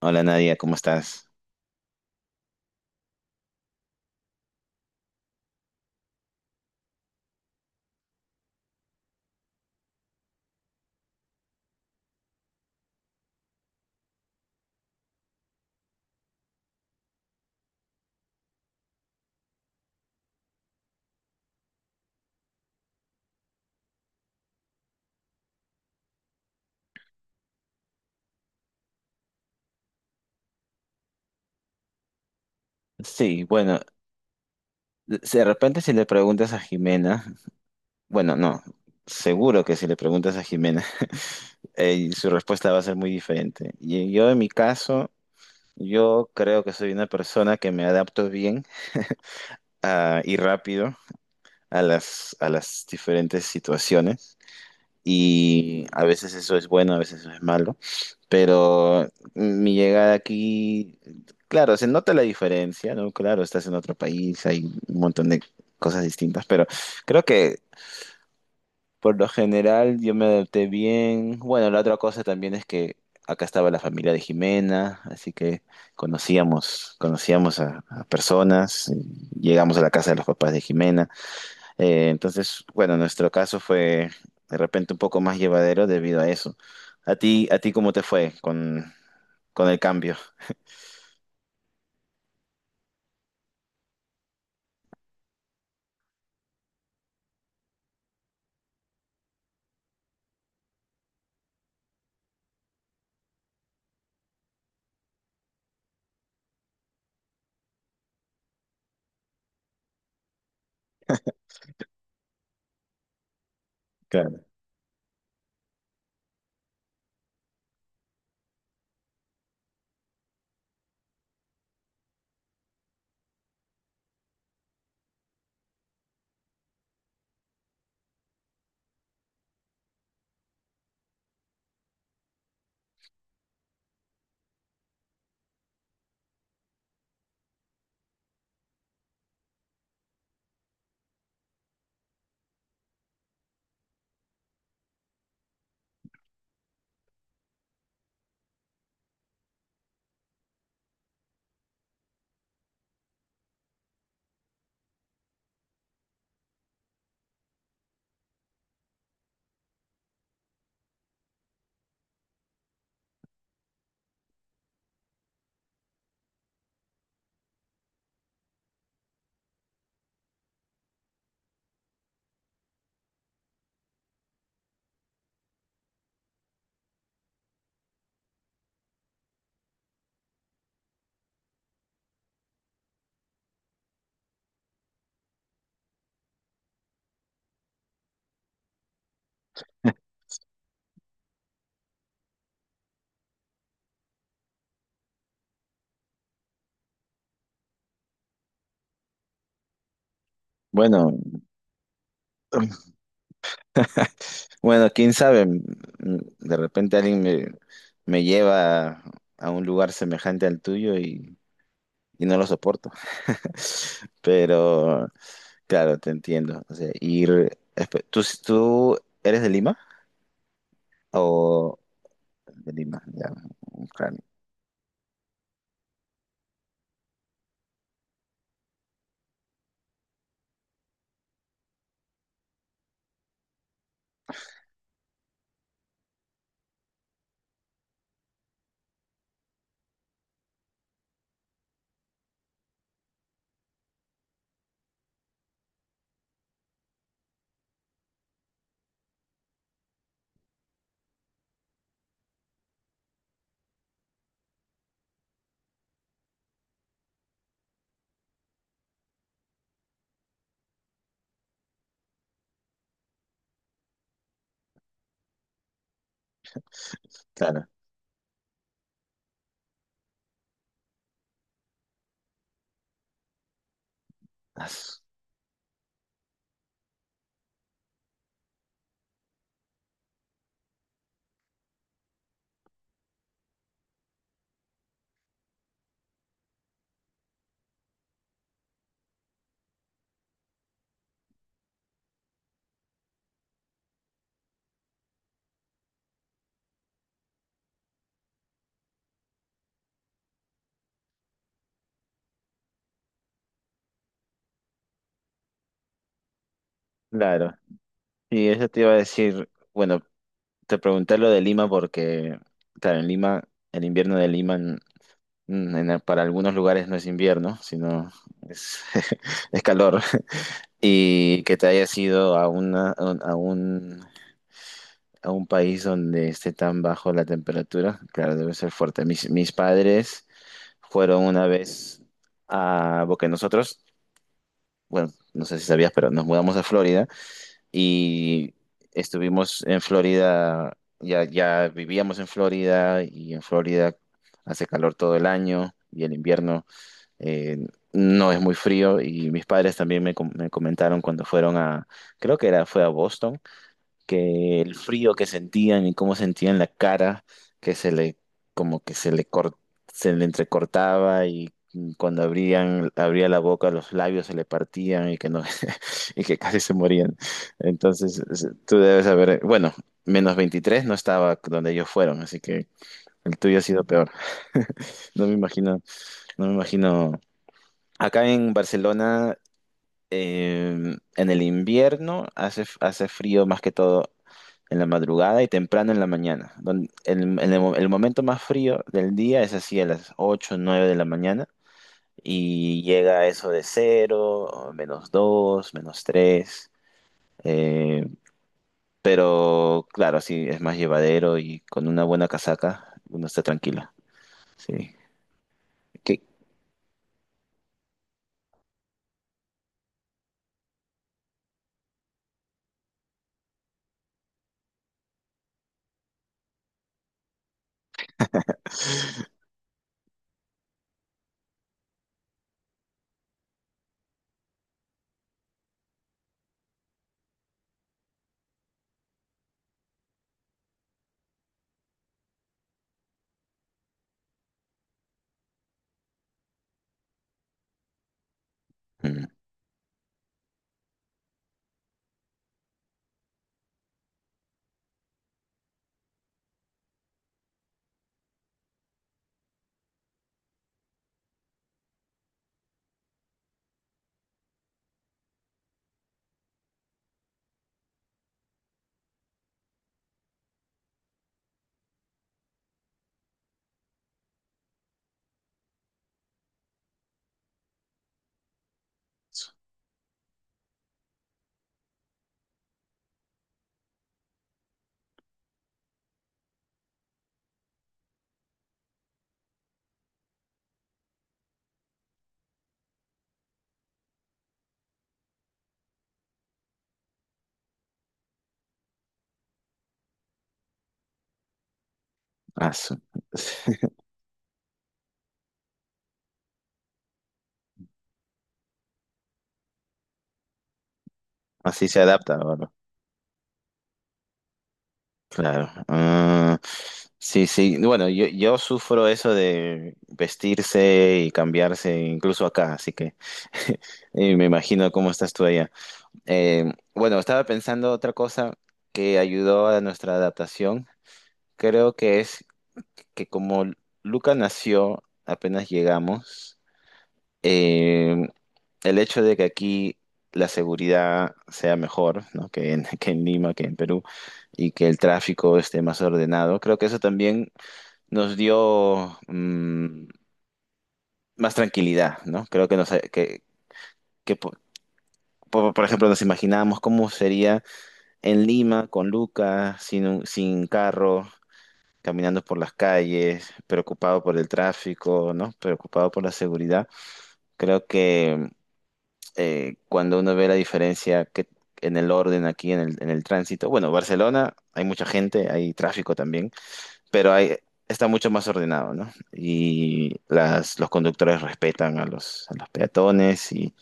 Hola Nadia, ¿cómo estás? Sí, bueno, de repente si le preguntas a Jimena, bueno, no, seguro que si le preguntas a Jimena, su respuesta va a ser muy diferente. Y yo en mi caso, yo creo que soy una persona que me adapto bien y rápido a a las diferentes situaciones, y a veces eso es bueno, a veces eso es malo. Pero mi llegada aquí, claro, se nota la diferencia, ¿no? Claro, estás en otro país, hay un montón de cosas distintas, pero creo que por lo general yo me adapté bien. Bueno, la otra cosa también es que acá estaba la familia de Jimena, así que conocíamos a personas, llegamos a la casa de los papás de Jimena. Entonces, bueno, nuestro caso fue de repente un poco más llevadero debido a eso. A ti cómo te fue con el cambio? Claro. Bueno, bueno, quién sabe, de repente alguien me lleva a un lugar semejante al tuyo y no lo soporto. Pero, claro, te entiendo. O sea, tú eres de Lima o de Lima? Ya, claro, claro. Claro, y eso te iba a decir, bueno, te pregunté lo de Lima porque, claro, en Lima, el invierno de Lima para algunos lugares no es invierno, sino es, es calor, y que te hayas ido a un país donde esté tan bajo la temperatura, claro, debe ser fuerte. Mis padres fueron una vez porque nosotros, bueno, no sé si sabías, pero nos mudamos a Florida. Y estuvimos en Florida, ya vivíamos en Florida, y en Florida hace calor todo el año y el invierno eh, no es muy frío, y mis padres también me comentaron cuando fueron a, creo que era, fue a Boston, que el frío que sentían y cómo sentían la cara, que se le, como que se le entrecortaba, y cuando abría la boca, los labios se le partían y que no, y que casi se morían. Entonces, tú debes saber, bueno, menos 23 no estaba donde ellos fueron, así que el tuyo ha sido peor. No me imagino, no me imagino. Acá en Barcelona, en el invierno hace, hace frío más que todo en la madrugada y temprano en la mañana. En el el momento más frío del día es así a las 8 o 9 de la mañana, y llega a eso de cero o menos dos, menos 3. eh, pero claro, sí, es más llevadero y con una buena casaca uno está tranquilo. Sí. ¿Qué? Mm, ah, su- Así se adapta. Claro. Ah, sí, sí. Bueno, yo sufro eso de vestirse y cambiarse, incluso acá, así que me imagino cómo estás tú allá. Bueno, estaba pensando otra cosa que ayudó a nuestra adaptación. Creo que es que como Luca nació apenas llegamos, eh, el hecho de que aquí la seguridad sea mejor, ¿no? Que en Lima, que en Perú, y que el tráfico esté más ordenado, creo que eso también nos dio más tranquilidad, ¿no? Creo que, nos, que po- po- por, ejemplo, nos imaginábamos cómo sería en Lima con Lucas, sin carro, caminando por las calles, preocupado por el tráfico, ¿no? Preocupado por la seguridad. Creo que cuando uno ve la diferencia, en el orden aquí, en el tránsito, bueno, Barcelona hay mucha gente, hay tráfico también, pero está mucho más ordenado, ¿no? Y los conductores respetan a a los peatones, y,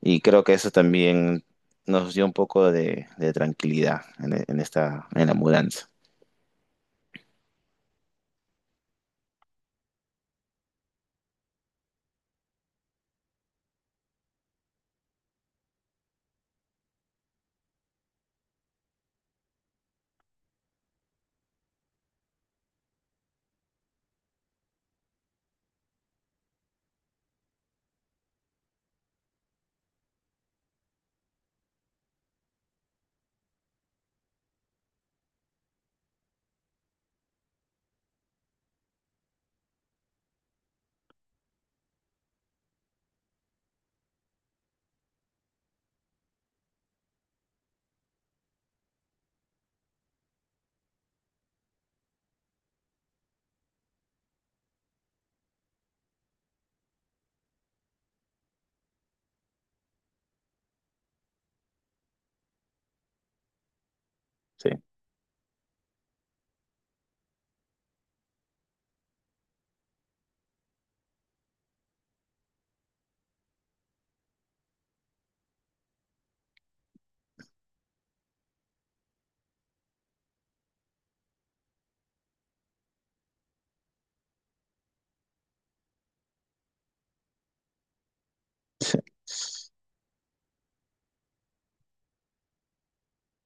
y creo que eso también nos dio un poco de tranquilidad en en la mudanza. Sí.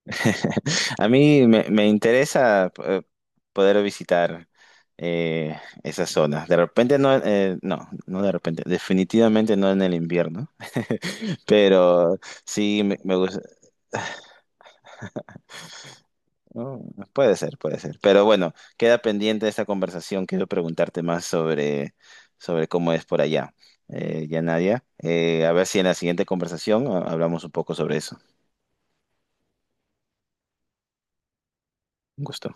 A mí me interesa poder visitar esas zonas. De repente no, no de repente, definitivamente no en el invierno, pero sí me gusta. Oh, puede ser, puede ser. Pero bueno, queda pendiente esta conversación. Quiero preguntarte más sobre cómo es por allá. Ya Nadia, a ver si en la siguiente conversación hablamos un poco sobre eso. Un gusto.